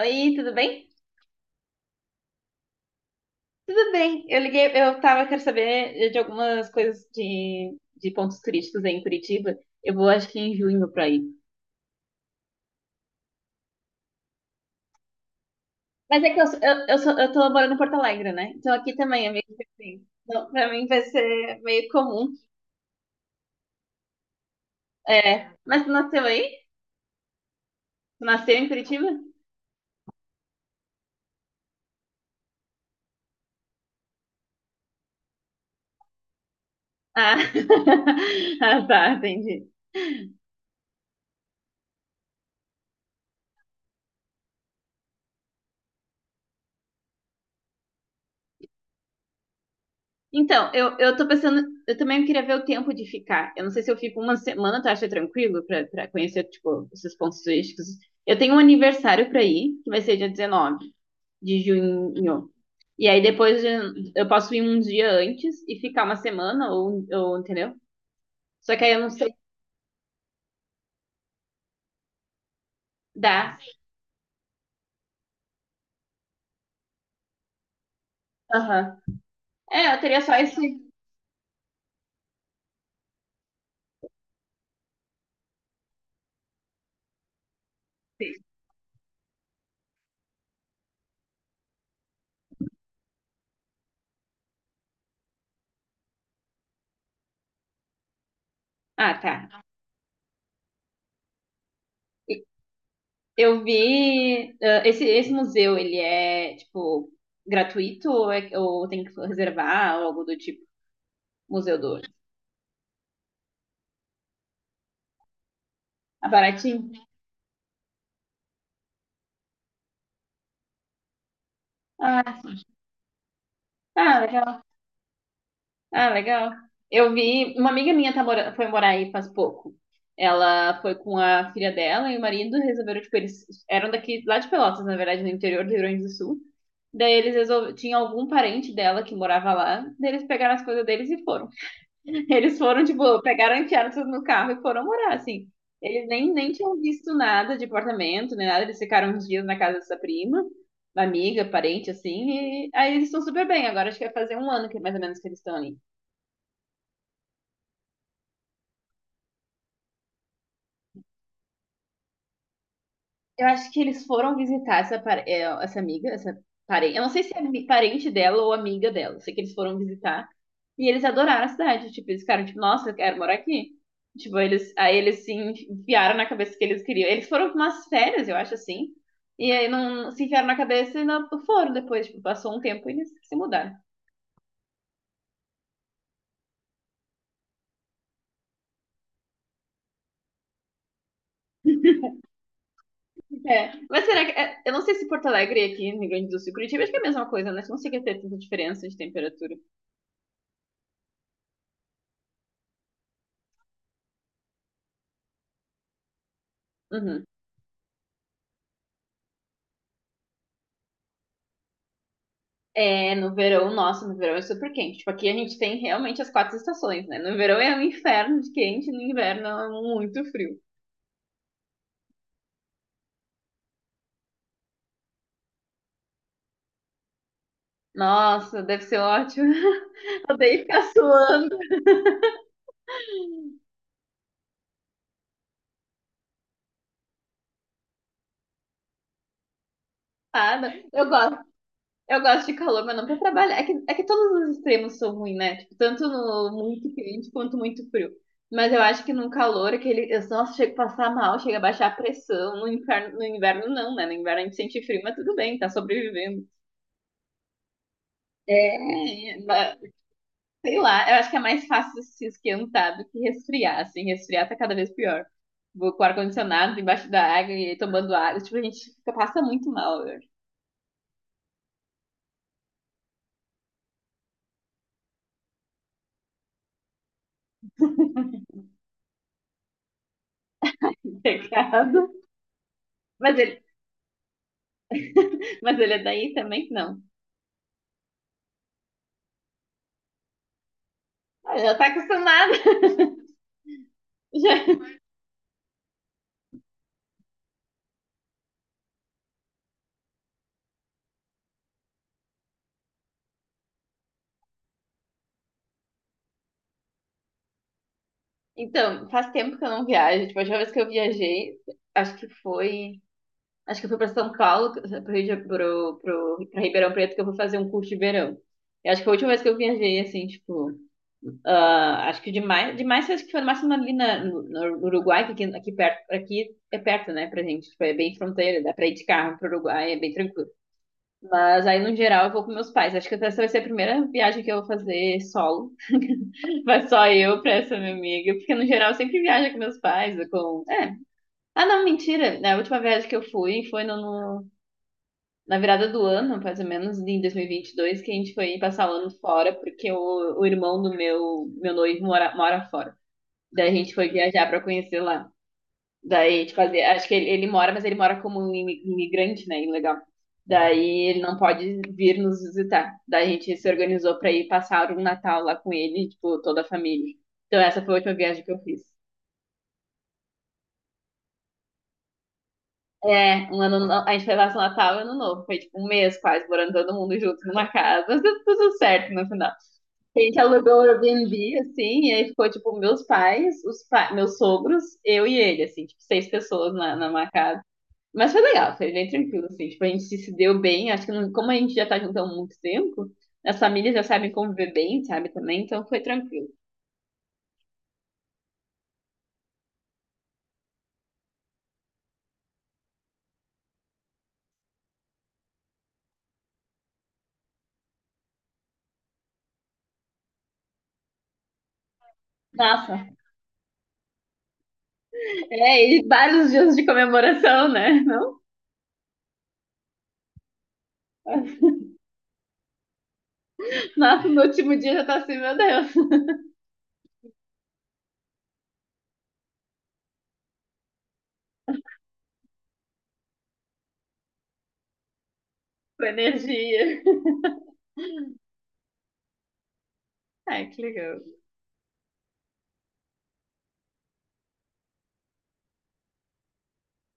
Oi, tudo bem? Tudo bem. Eu liguei, quero saber de algumas coisas de pontos turísticos aí em Curitiba. Eu vou, acho que em junho pra ir. Mas é que eu, sou, eu tô morando em Porto Alegre, né? Então aqui também é meio que assim. Então, pra mim vai ser meio comum. É. Mas tu nasceu aí? Tu nasceu em Curitiba? Ah, ah, tá, entendi. Então, eu tô pensando, eu também queria ver o tempo de ficar. Eu não sei se eu fico uma semana, tu acha tranquilo pra conhecer, tipo, esses pontos turísticos? Eu tenho um aniversário pra ir, que vai ser dia 19 de junho. E aí eu posso ir um dia antes e ficar uma semana, ou entendeu? Só que aí eu não sei dar. Aham. É, eu teria só esse. Ah, tá. Eu vi, ah, esse museu, ele é, tipo, gratuito ou tem que reservar ou algo do tipo? Museu do Ouro. Ah, baratinho? Ah, sim. Ah, legal. Ah, legal. Eu vi, uma amiga minha foi morar aí faz pouco. Ela foi com a filha dela e o marido resolveram, tipo, eles eram daqui, lá de Pelotas, na verdade, no interior do Rio Grande do Sul. Daí eles resolveram, tinha algum parente dela que morava lá, daí eles pegaram as coisas deles e foram. Eles foram, tipo, pegaram, enfiaram tudo no carro e foram morar, assim. Eles nem tinham visto nada de apartamento, nem nada. Eles ficaram uns dias na casa dessa prima, uma amiga, parente, assim. E aí eles estão super bem. Agora acho que vai fazer um ano que mais ou menos que eles estão ali. Eu acho que eles foram visitar essa amiga, essa parente. Eu não sei se é parente dela ou amiga dela. Eu sei que eles foram visitar. E eles adoraram a cidade. Tipo, eles ficaram tipo, nossa, eu quero morar aqui. Tipo, eles se enfiaram na cabeça que eles queriam. Eles foram pra umas férias, eu acho assim. E aí não se enfiaram na cabeça e não foram depois. Tipo, passou um tempo e eles se mudaram. É. Eu não sei se Porto Alegre e aqui no Rio Grande do Sul, Curitiba, acho que é a mesma coisa, né? Não sei que é ter tanta diferença de temperatura. Uhum. É, no verão, nossa, no verão é super quente. Tipo, aqui a gente tem realmente as quatro estações, né? No verão é um inferno de quente, no inverno é muito frio. Nossa, deve ser ótimo. Odeio ficar suando, nada. Eu gosto de calor, mas não pra trabalhar. É que todos os extremos são ruins, né? Tipo, tanto no muito quente quanto muito frio. Mas eu acho que no calor, nossa, chega a passar mal, chega a baixar a pressão. No inverno não, né? No inverno a gente sente frio, mas tudo bem, tá sobrevivendo. É, é, é, Sei lá, eu acho que é mais fácil se esquentar do que resfriar tá cada vez pior. Vou com o ar-condicionado embaixo da água e tomando água, tipo, a gente fica, passa muito mal, eu acho. Pecado. Mas ele, mas ele é daí também? Não. Ah, já tá acostumado. Já. Então, faz tempo que eu não viajo. Tipo, a última vez que eu viajei, acho que foi. Acho que eu fui pra São Paulo, pro, Rio de- pro, pro, pra Ribeirão Preto, que eu fui fazer um curso de verão. Eu acho que foi a última vez que eu viajei, assim, tipo. Ah, acho que demais, demais acho que foi no máximo ali na, no, no Uruguai, que aqui, aqui perto, aqui é perto, né, pra gente. Tipo, é bem fronteira, dá pra ir de carro pro Uruguai, é bem tranquilo. Mas aí, no geral, eu vou com meus pais. Acho que essa vai ser a primeira viagem que eu vou fazer solo. Vai só eu pra essa minha amiga. Porque, no geral, eu sempre viajo com meus pais, com... É. Ah, não, mentira. Né, A última viagem que eu fui foi na virada do ano, mais ou menos, em 2022, que a gente foi passar o ano fora, porque o irmão do meu noivo mora fora. Daí a gente foi viajar pra conhecer lá. Daí a gente fazia. Acho que ele mora, mas ele mora como um imigrante, né? Ilegal. Daí ele não pode vir nos visitar. Daí a gente se organizou pra ir passar um Natal lá com ele, tipo, toda a família. Então essa foi a última viagem que eu fiz. É, um ano, no- a gente foi lá no Natal e Ano Novo. Foi tipo um mês quase, morando todo mundo junto numa casa. Mas deu tudo certo no final. A gente alugou o Airbnb, assim, e aí ficou, tipo, meus pais, meus sogros, eu e ele, assim, tipo, seis pessoas numa casa. Mas foi legal, foi bem tranquilo, assim. Tipo, a gente se deu bem. Acho que não. Como a gente já tá junto há muito tempo, as famílias já sabem conviver bem, sabe, também. Então foi tranquilo. Nossa, é, e vários dias de comemoração, né? Não? Nossa, no último dia já tá assim, meu Deus, com energia. Ai, que legal.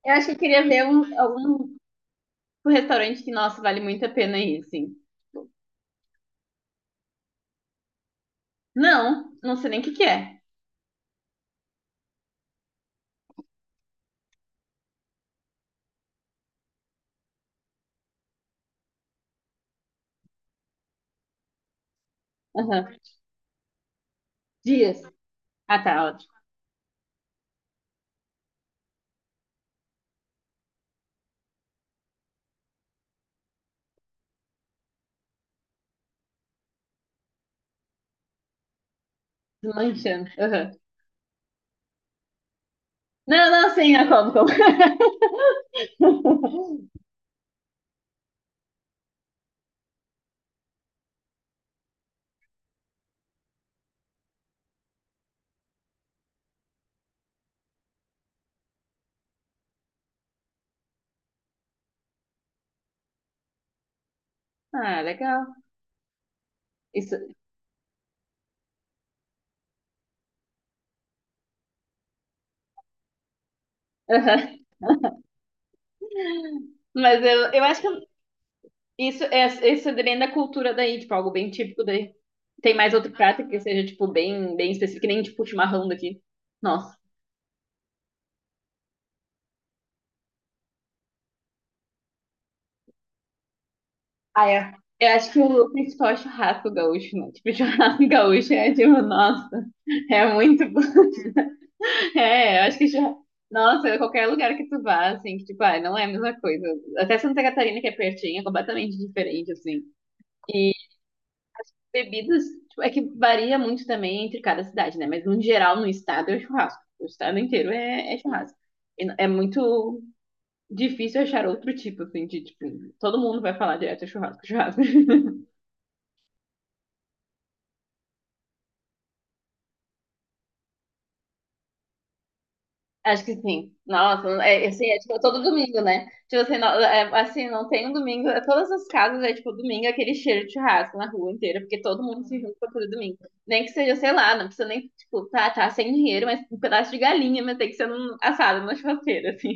Eu acho que eu queria ver algum um restaurante que, nossa, vale muito a pena ir, assim. Não, não sei nem o que que é. Aham. Dias. Ah, tá, ótimo. Desmanchando. Aham. Não, não, sim, como. Ah, legal. Isso. Aham. Eu acho que isso é bem da cultura daí, tipo, algo bem típico daí. Tem mais outro prato que seja, tipo, bem específico, que nem tipo chimarrão daqui. Nossa. Ah, é. Eu acho que o principal é churrasco gaúcho, né? Tipo, churrasco gaúcho é tipo, nossa, é muito bom. É, eu acho que já. Nossa, qualquer lugar que tu vá, assim, que, tipo, ah, não é a mesma coisa. Até Santa Catarina, que é pertinho, é completamente diferente, assim. Bebidas, tipo, é que varia muito também entre cada cidade, né? Mas no geral, no estado é churrasco. O estado inteiro é churrasco. É muito difícil achar outro tipo, assim, de tipo, todo mundo vai falar direto é churrasco, churrasco. Acho que sim. Nossa, é, assim, é tipo todo domingo, né? Tipo assim, não, é, assim, não tem um domingo. Todas as casas é tipo domingo, é aquele cheiro de churrasco na rua inteira, porque todo mundo se junta todo domingo. Nem que seja, sei lá, não precisa nem, tipo, tá sem dinheiro, mas um pedaço de galinha, mas tem que ser um assado na churrasqueira, assim.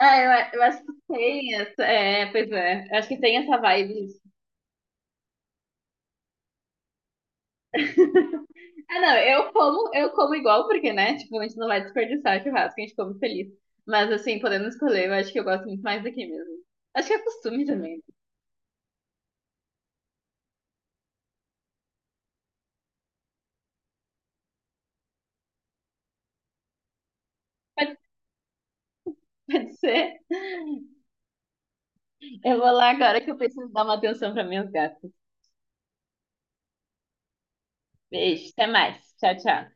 Eu acho que tem essa. É, pois é. Eu acho que tem essa vibe. Ah, não, eu como igual, porque, né? Tipo, a gente não vai desperdiçar churrasco, a gente come feliz. Mas, assim, podendo escolher, eu acho que eu gosto muito mais daqui mesmo. Acho que é costume também. Pode, pode ser. Eu vou lá agora que eu preciso dar uma atenção para minhas gatas. Beijo, até mais. Tchau, tchau.